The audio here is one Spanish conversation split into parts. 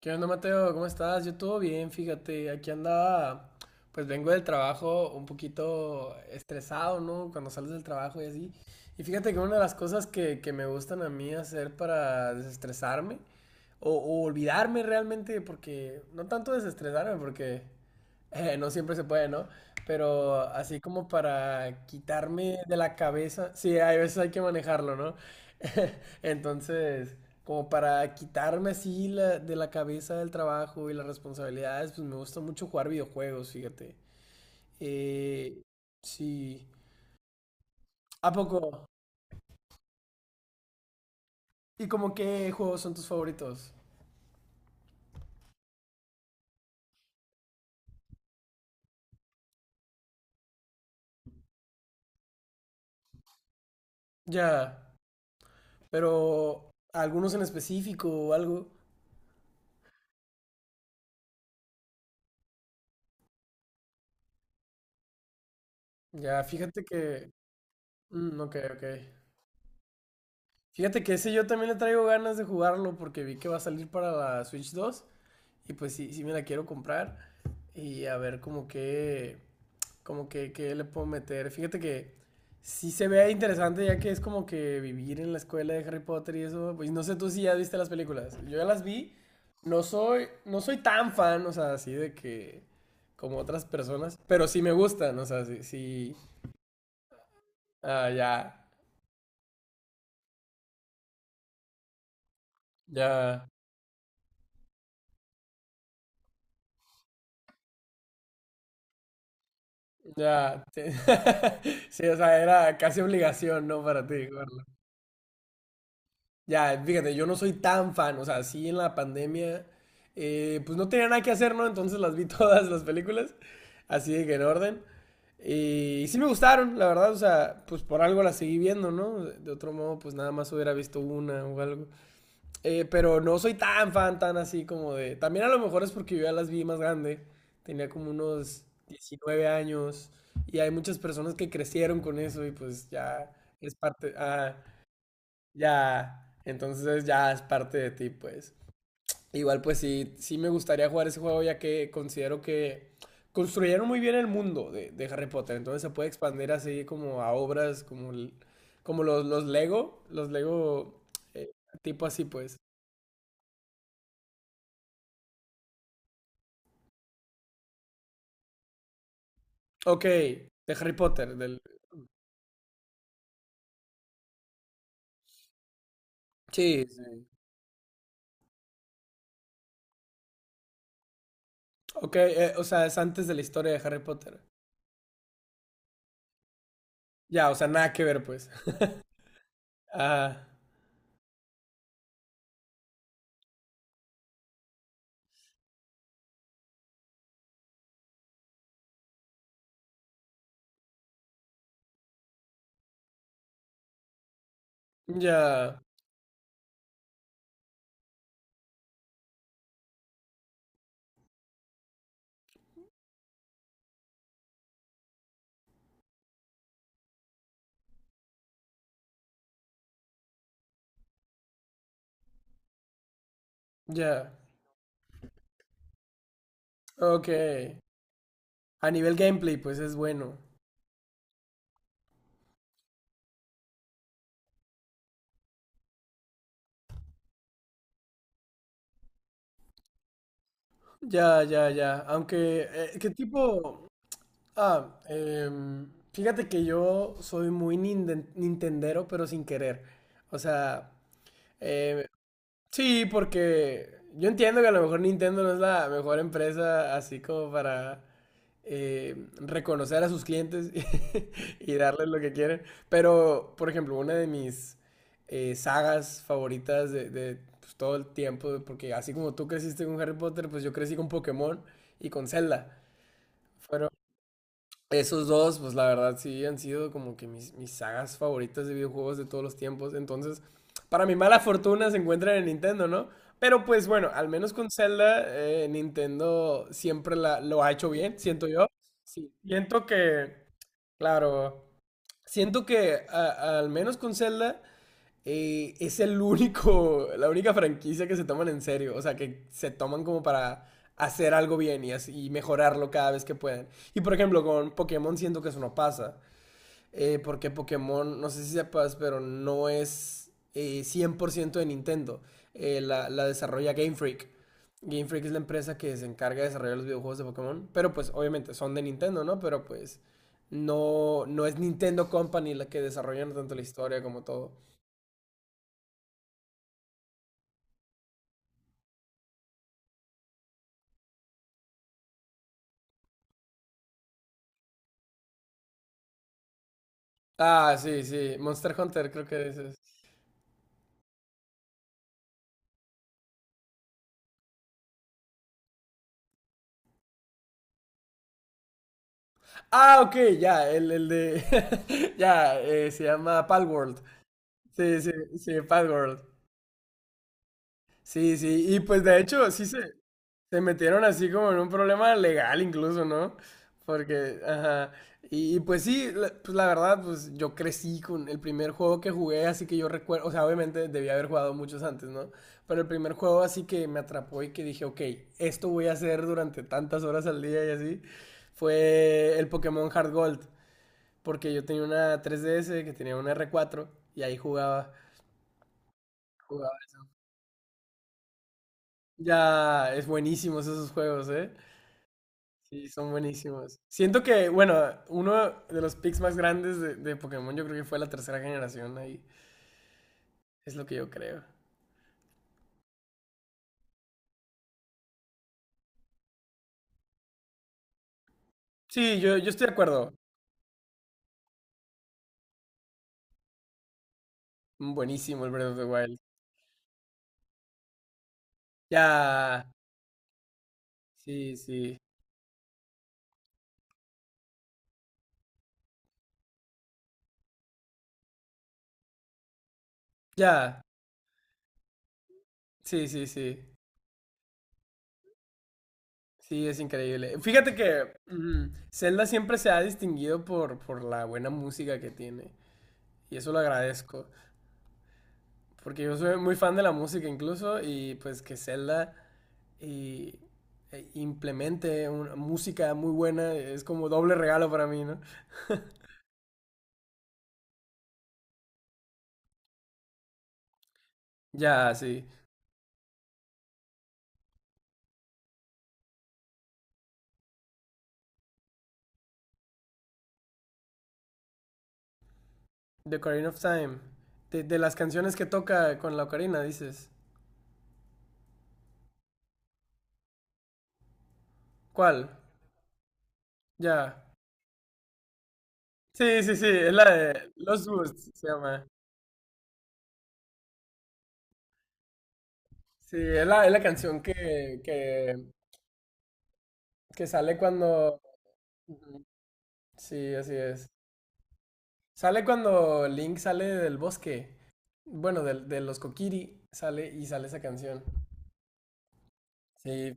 ¿Qué onda, Mateo? ¿Cómo estás? Yo todo bien, fíjate. Aquí andaba, pues vengo del trabajo un poquito estresado, ¿no? Cuando sales del trabajo y así. Y fíjate que una de las cosas que me gustan a mí hacer para desestresarme o olvidarme realmente, porque no tanto desestresarme, porque no siempre se puede, ¿no? Pero así como para quitarme de la cabeza, sí, hay veces hay que manejarlo, ¿no? Entonces como para quitarme así de la cabeza el trabajo y las responsabilidades, pues me gusta mucho jugar videojuegos, fíjate. Eh, sí. ¿A poco? ¿Y como qué juegos son tus favoritos? Ya, pero algunos en específico o algo. Ya, fíjate que... ok, ok. Fíjate que ese yo también le traigo ganas de jugarlo porque vi que va a salir para la Switch 2 y pues sí, sí me la quiero comprar y a ver como que... Como que le puedo meter. Fíjate que sí se ve interesante ya que es como que vivir en la escuela de Harry Potter y eso. Pues no sé tú si ya viste las películas. Yo ya las vi. No soy tan fan, o sea, así de que como otras personas, pero sí me gustan, o sea, sí, sí, ah, ya, ya, ya, sí, sí, o sea, era casi obligación, ¿no? Para ti, verlas. Ya, fíjate, yo no soy tan fan, o sea, sí en la pandemia, pues no tenía nada que hacer, ¿no? Entonces las vi todas las películas, así de que en orden. Y sí me gustaron, la verdad, o sea, pues por algo las seguí viendo, ¿no? De otro modo, pues nada más hubiera visto una o algo. Pero no soy tan fan, tan así como de... También a lo mejor es porque yo ya las vi más grande, tenía como unos 19 años y hay muchas personas que crecieron con eso y pues ya es parte... Ah, ya, entonces ya es parte de ti, pues. Igual, pues sí, sí me gustaría jugar ese juego ya que considero que construyeron muy bien el mundo de Harry Potter, entonces se puede expandir así como a obras como, como los Lego eh, tipo así, pues. Ok, de Harry Potter, del... Sí, sí. Ok, o sea, es antes de la historia de Harry Potter. Ya, o sea, nada que ver, pues. Ah, ya, ya. Ok. A nivel gameplay, pues es bueno. Ya, ya, ya. Aunque, ¿qué tipo? Ah, fíjate que yo soy muy nintendero, pero sin querer. O sea, em, sí, porque yo entiendo que a lo mejor Nintendo no es la mejor empresa así como para reconocer a sus clientes y darles lo que quieren. Pero, por ejemplo, una de mis sagas favoritas pues, todo el tiempo, porque así como tú creciste con Harry Potter, pues yo crecí con Pokémon y con Zelda. Fueron esos dos, pues la verdad sí han sido como que mis sagas favoritas de videojuegos de todos los tiempos. Entonces, para mi mala fortuna se encuentran en Nintendo, ¿no? Pero pues bueno, al menos con Zelda, Nintendo siempre lo ha hecho bien, siento yo. Sí, siento que, claro, siento que al menos con Zelda es el único, la única franquicia que se toman en serio, o sea, que se toman como para hacer algo bien y mejorarlo cada vez que pueden. Y por ejemplo, con Pokémon siento que eso no pasa, porque Pokémon, no sé si sepas, pero no es 100% de Nintendo. La desarrolla Game Freak. Game Freak es la empresa que se encarga de desarrollar los videojuegos de Pokémon, pero pues obviamente son de Nintendo, ¿no? Pero pues no, no es Nintendo Company la que desarrollan tanto la historia como todo. Ah, sí, sí. Monster Hunter, creo que ese es. Ah, ok, ya, el de. Ya, se llama Palworld. Sí, sí, sí, Palworld. Sí, sí. Y pues de hecho, sí se. Se metieron así como en un problema legal incluso, ¿no? Porque, ajá. Y pues sí, pues la verdad, pues yo crecí con el primer juego que jugué, así que yo recuerdo, o sea, obviamente debía haber jugado muchos antes, ¿no? Pero el primer juego así que me atrapó y que dije, ok, esto voy a hacer durante tantas horas al día y así, fue el Pokémon Heart Gold, porque yo tenía una 3DS que tenía una R4 y ahí jugaba. Ya, es buenísimos esos juegos, ¿eh? Sí, son buenísimos. Siento que, bueno, uno de los picks más grandes de Pokémon yo creo que fue la tercera generación ahí. Es lo que yo creo. Sí, yo estoy de acuerdo. Mm, buenísimo el Breath of the Wild. Ya, sí, sí. Ya, sí, sí, sí. Sí, es increíble. Fíjate que Zelda siempre se ha distinguido por la buena música que tiene. Y eso lo agradezco. Porque yo soy muy fan de la música incluso. Y pues que Zelda y e implemente una música muy buena, es como doble regalo para mí, ¿no? Ya, sí. The Ocarina of Time. De las canciones que toca con la ocarina, dices. ¿Cuál? Ya. Sí, sí, sí, es la de Los Boosts, se llama. Sí, es es la canción que sale cuando... Ujú. Sí, así es. Sale cuando Link sale del bosque. Bueno, los Kokiri sale y sale esa canción. Sí,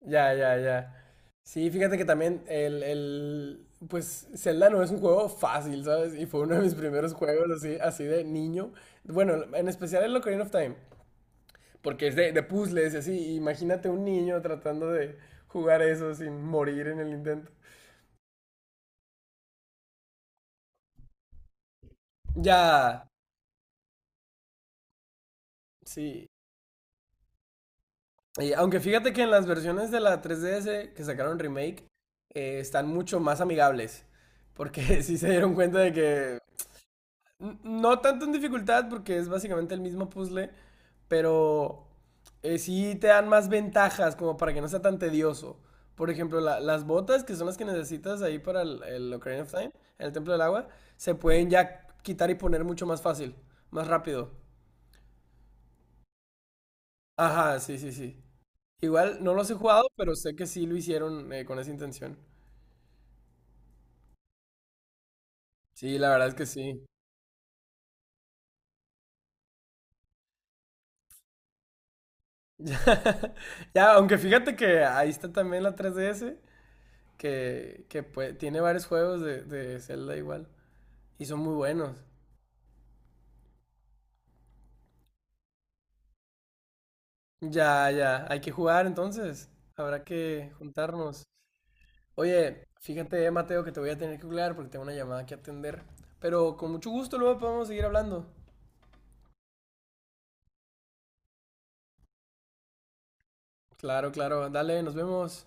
ya, ya, ya. Sí, fíjate que también pues Zelda no es un juego fácil, ¿sabes? Y fue uno de mis primeros juegos así, así de niño. Bueno, en especial el Ocarina of Time, porque es de puzzles y así. Imagínate un niño tratando de jugar eso sin morir en el intento. Ya, sí. Y aunque fíjate que en las versiones de la 3DS que sacaron remake, están mucho más amigables. Porque sí se dieron cuenta de que no tanto en dificultad porque es básicamente el mismo puzzle, pero sí te dan más ventajas como para que no sea tan tedioso. Por ejemplo, las botas que son las que necesitas ahí para el Ocarina of Time, el Templo del Agua, se pueden ya quitar y poner mucho más fácil, más rápido. Ajá, sí, sí, sí. Igual no los he jugado, pero sé que sí lo hicieron con esa intención. Sí, la verdad es que sí. Ya, aunque fíjate que ahí está también la 3DS, que pues, tiene varios juegos de Zelda igual. Y son muy buenos. Ya, ya, hay que jugar entonces. Habrá que juntarnos. Oye, fíjate, Mateo, que te voy a tener que hablar porque tengo una llamada que atender. Pero con mucho gusto luego podemos seguir hablando. Claro, claro. Dale, nos vemos.